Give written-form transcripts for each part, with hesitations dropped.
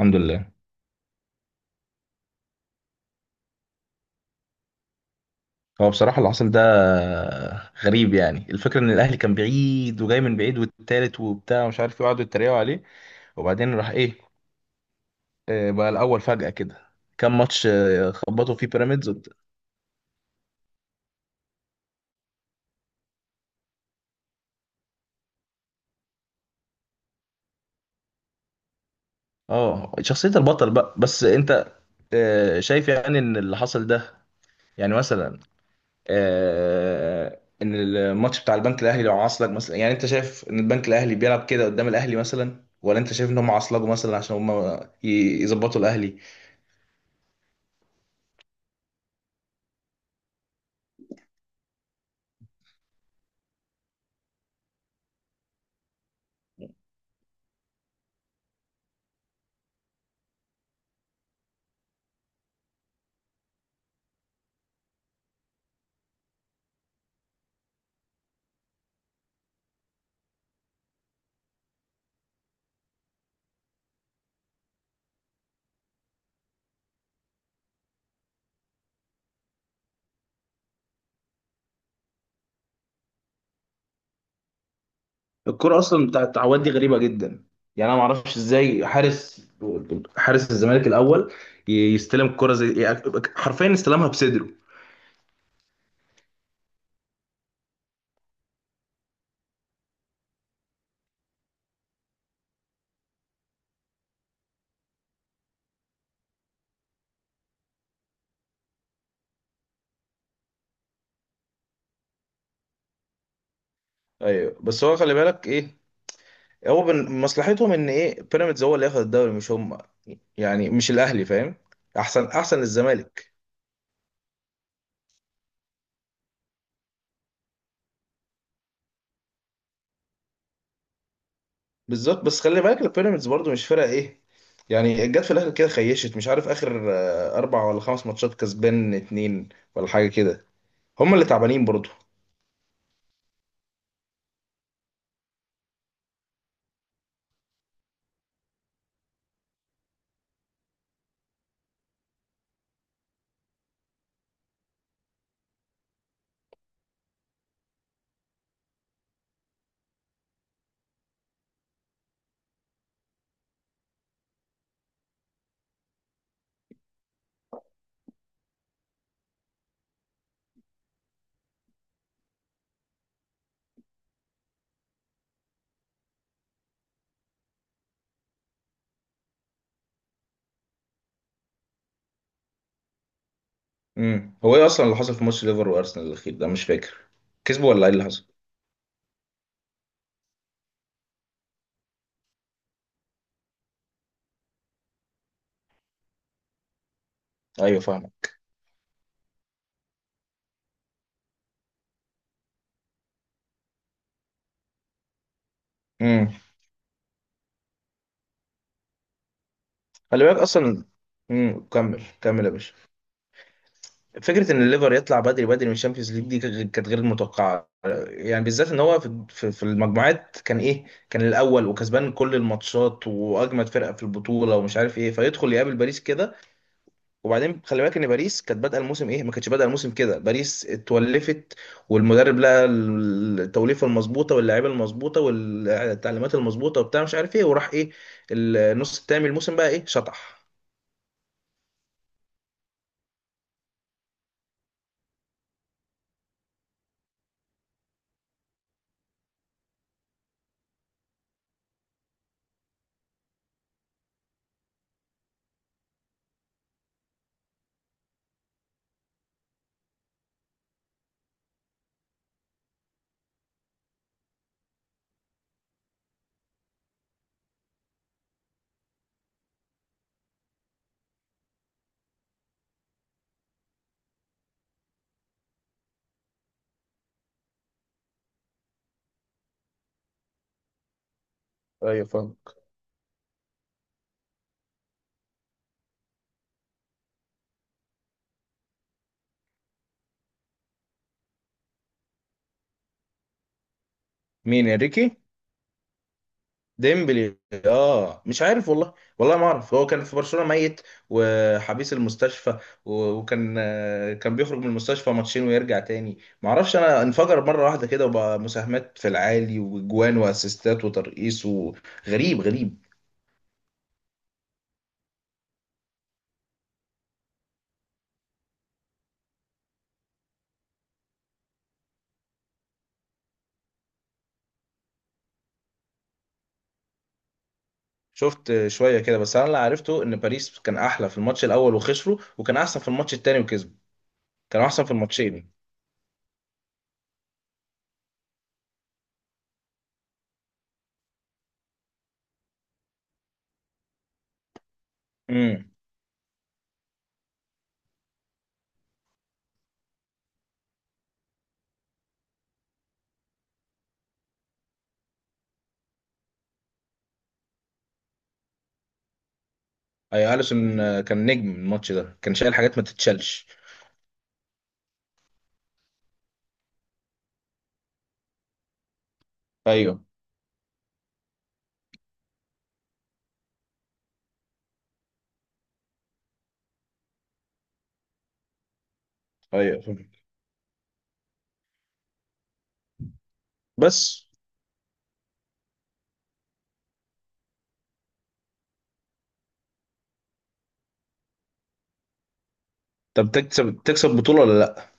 الحمد لله. هو بصراحة اللي حصل ده غريب، يعني الفكرة ان الاهلي كان بعيد وجاي من بعيد والتالت وبتاع ومش عارف ايه وقعدوا يتريقوا عليه وبعدين راح ايه. بقى الاول فجأة كده كام ماتش، خبطوا فيه بيراميدز اه، شخصية البطل بقى. بس انت شايف يعني ان اللي حصل ده، يعني مثلا ان الماتش بتاع البنك الاهلي لو عصلك مثلا، يعني انت شايف ان البنك الاهلي بيلعب كده قدام الاهلي مثلا، ولا انت شايف ان هم عصلجوا مثلا عشان هم يظبطوا الاهلي. الكرة اصلا بتاعت التعويض دي غريبة جدا. يعني انا ما اعرفش ازاي حارس الزمالك الاول يستلم الكرة زي، يعني حرفيا استلمها بصدره. ايوه، بس هو خلي بالك ايه، هو مصلحتهم ان ايه، بيراميدز هو اللي ياخد الدوري مش هم، يعني مش الاهلي، فاهم؟ احسن الزمالك. بالظبط، بس خلي بالك البيراميدز برضو مش فرقه ايه، يعني جت في الاخر كده خيشت، مش عارف اخر اربع ولا خمس ماتشات كسبان اتنين ولا حاجه كده. هم اللي تعبانين برضو. هو ايه اصلا اللي حصل في ماتش ليفر وارسنال الاخير ده؟ مش فاكر، كسبوا ولا ايه اللي حصل؟ ايوه، فاهم. امم خلي بالك اصلا. كمل يا باشا. فكره ان الليفر يطلع بدري من الشامبيونز ليج دي كانت غير متوقعه، يعني بالذات ان هو في في المجموعات كان ايه، كان الاول وكسبان كل الماتشات واجمد فرقه في البطوله ومش عارف ايه، فيدخل يقابل باريس كده. وبعدين خلي بالك ان باريس كانت بادئه الموسم ايه، ما كانتش بادئه الموسم كده، باريس اتولفت، والمدرب لقى التوليفه المظبوطه واللاعيبه المظبوطه والتعليمات المظبوطه وبتاع مش عارف ايه، وراح ايه، النص التاني من الموسم بقى ايه شطح. ايوه، فاهم. مين، انريكي؟ ديمبلي. اه، مش عارف والله، ما اعرف، هو كان في برشلونة ميت وحبيس المستشفى. وكان، كان بيخرج من المستشفى ماتشين ويرجع تاني، ما اعرفش، انا انفجر مرة واحدة كده وبقى مساهمات في العالي واجوان واسيستات وترقيص، وغريب. شفت شوية كده، بس انا اللي عرفته ان باريس كان احلى في الماتش الاول وخسروا، وكان احسن في الماتش التاني وكسبوا، كان احسن في الماتشين. امم اي، اليسون، كان نجم الماتش ده، كان شايل حاجات ما تتشالش. ايوه، ايوه، بس طب تكسب، تكسب بطولة ولا لا؟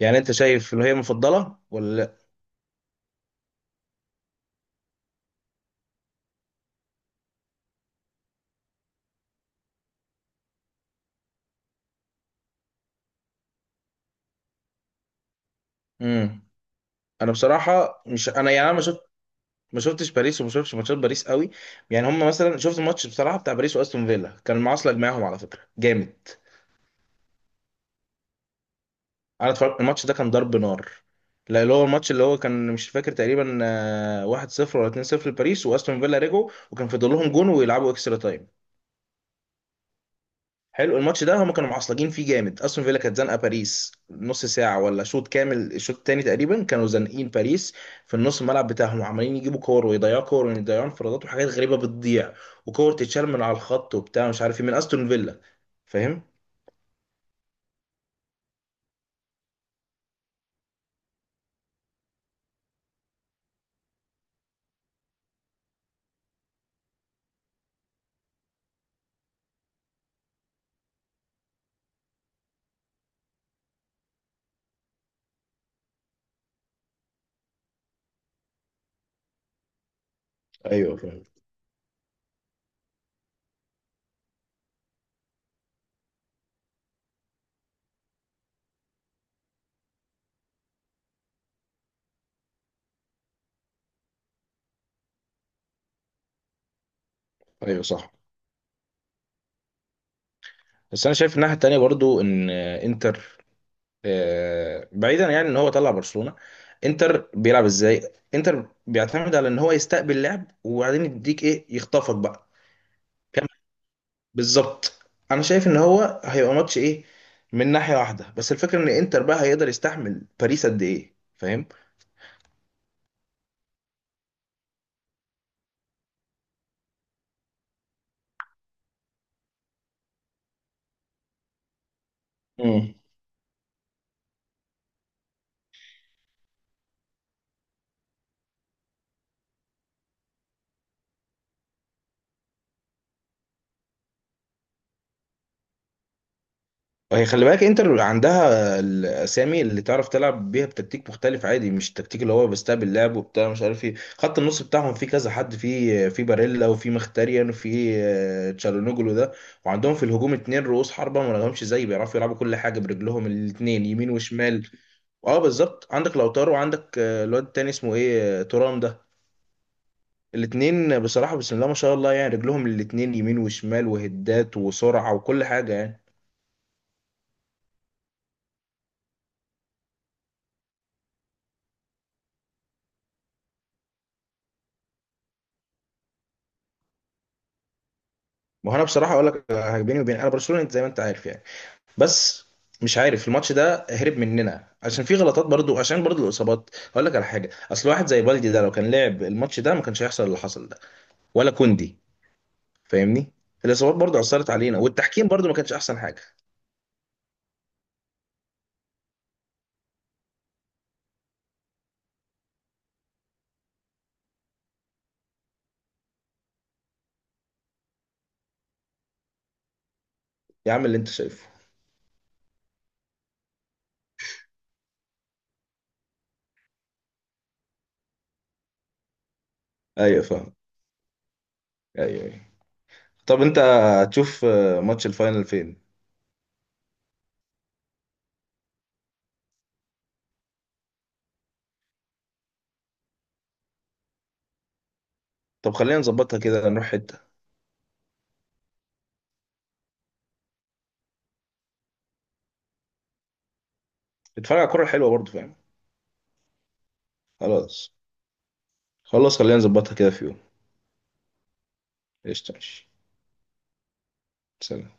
يعني انت شايف اللي هي مفضلة ولا لا؟ امم انا بصراحة مش، انا يعني انا ما شفت، ما شفتش باريس وما شفتش ماتشات باريس قوي. يعني هم مثلا، شفت الماتش بصراحة بتاع باريس واستون فيلا؟ كان المعاصلة جماعهم على فكرة جامد. انا اتفرجت الماتش ده، كان ضرب نار. لا، اللي هو الماتش، اللي هو كان مش فاكر تقريبا، 1-0 ولا 2-0 لباريس، واستون فيلا رجعوا وكان فاضل لهم جون ويلعبوا اكسترا تايم. حلو الماتش ده، هم كانوا معصلجين فيه جامد، استون فيلا كانت زنقه باريس نص ساعه ولا شوط كامل، الشوط التاني تقريبا كانوا زانقين باريس في النص الملعب بتاعهم، عمالين يجيبوا كور ويضيعوا كور ويضيعوا انفرادات وحاجات غريبه بتضيع، وكور تتشال من على الخط وبتاع مش عارف ايه من استون فيلا، فاهم؟ ايوه، فاهم. ايوه، صح. بس انا شايف الناحيه التانيه برضو ان انتر، بعيدا يعني ان هو طلع برشلونه، انتر بيلعب ازاي؟ انتر بيعتمد على ان هو يستقبل لعب وبعدين يديك ايه، يخطفك بقى. بالظبط، انا شايف ان هو هيبقى ماتش ايه من ناحيه واحده، بس الفكره ان انتر بقى هيقدر يستحمل باريس قد ايه، فاهم؟ مم. هي خلي بالك انتر عندها الاسامي اللي تعرف تلعب بيها بتكتيك مختلف عادي، مش التكتيك اللي هو بيستقبل لعب وبتاع مش عارف ايه، خط النص بتاعهم فيه كذا حد، فيه في باريلا وفي مختاريان وفي تشالونوجلو ده. وعندهم في الهجوم اتنين رؤوس حربة ما لهمش زي، بيعرفوا يلعبوا كل حاجة برجلهم الاتنين يمين وشمال. اه، بالظبط، عندك لوتارو وعندك الواد التاني اسمه ايه، تورام ده. الاتنين بصراحة بسم الله ما شاء الله، يعني رجلهم الاتنين يمين وشمال وهدات وسرعة وكل حاجة يعني. ما هو انا بصراحة اقول لك، بيني وبين، انا برشلونة انت زي ما انت عارف يعني. بس مش عارف الماتش ده هرب مننا، عشان في غلطات برضو، عشان برضو الاصابات، هقول لك على حاجة، اصل واحد زي بالدي ده لو كان لعب الماتش ده ما كانش هيحصل اللي حصل ده، ولا كوندي، فاهمني؟ الاصابات برضو اثرت علينا، والتحكيم برضو ما كانش احسن حاجة. يا عم اللي انت شايفه. ايوه، فاهم. ايوه، أيوة. طب انت هتشوف ماتش الفاينل فين؟ طب خلينا نظبطها كده، نروح حتة اتفرج على الكورة الحلوة برضه، فاهم؟ خلاص. خلينا نظبطها كده في يوم. قشطة، ماشي. سلام.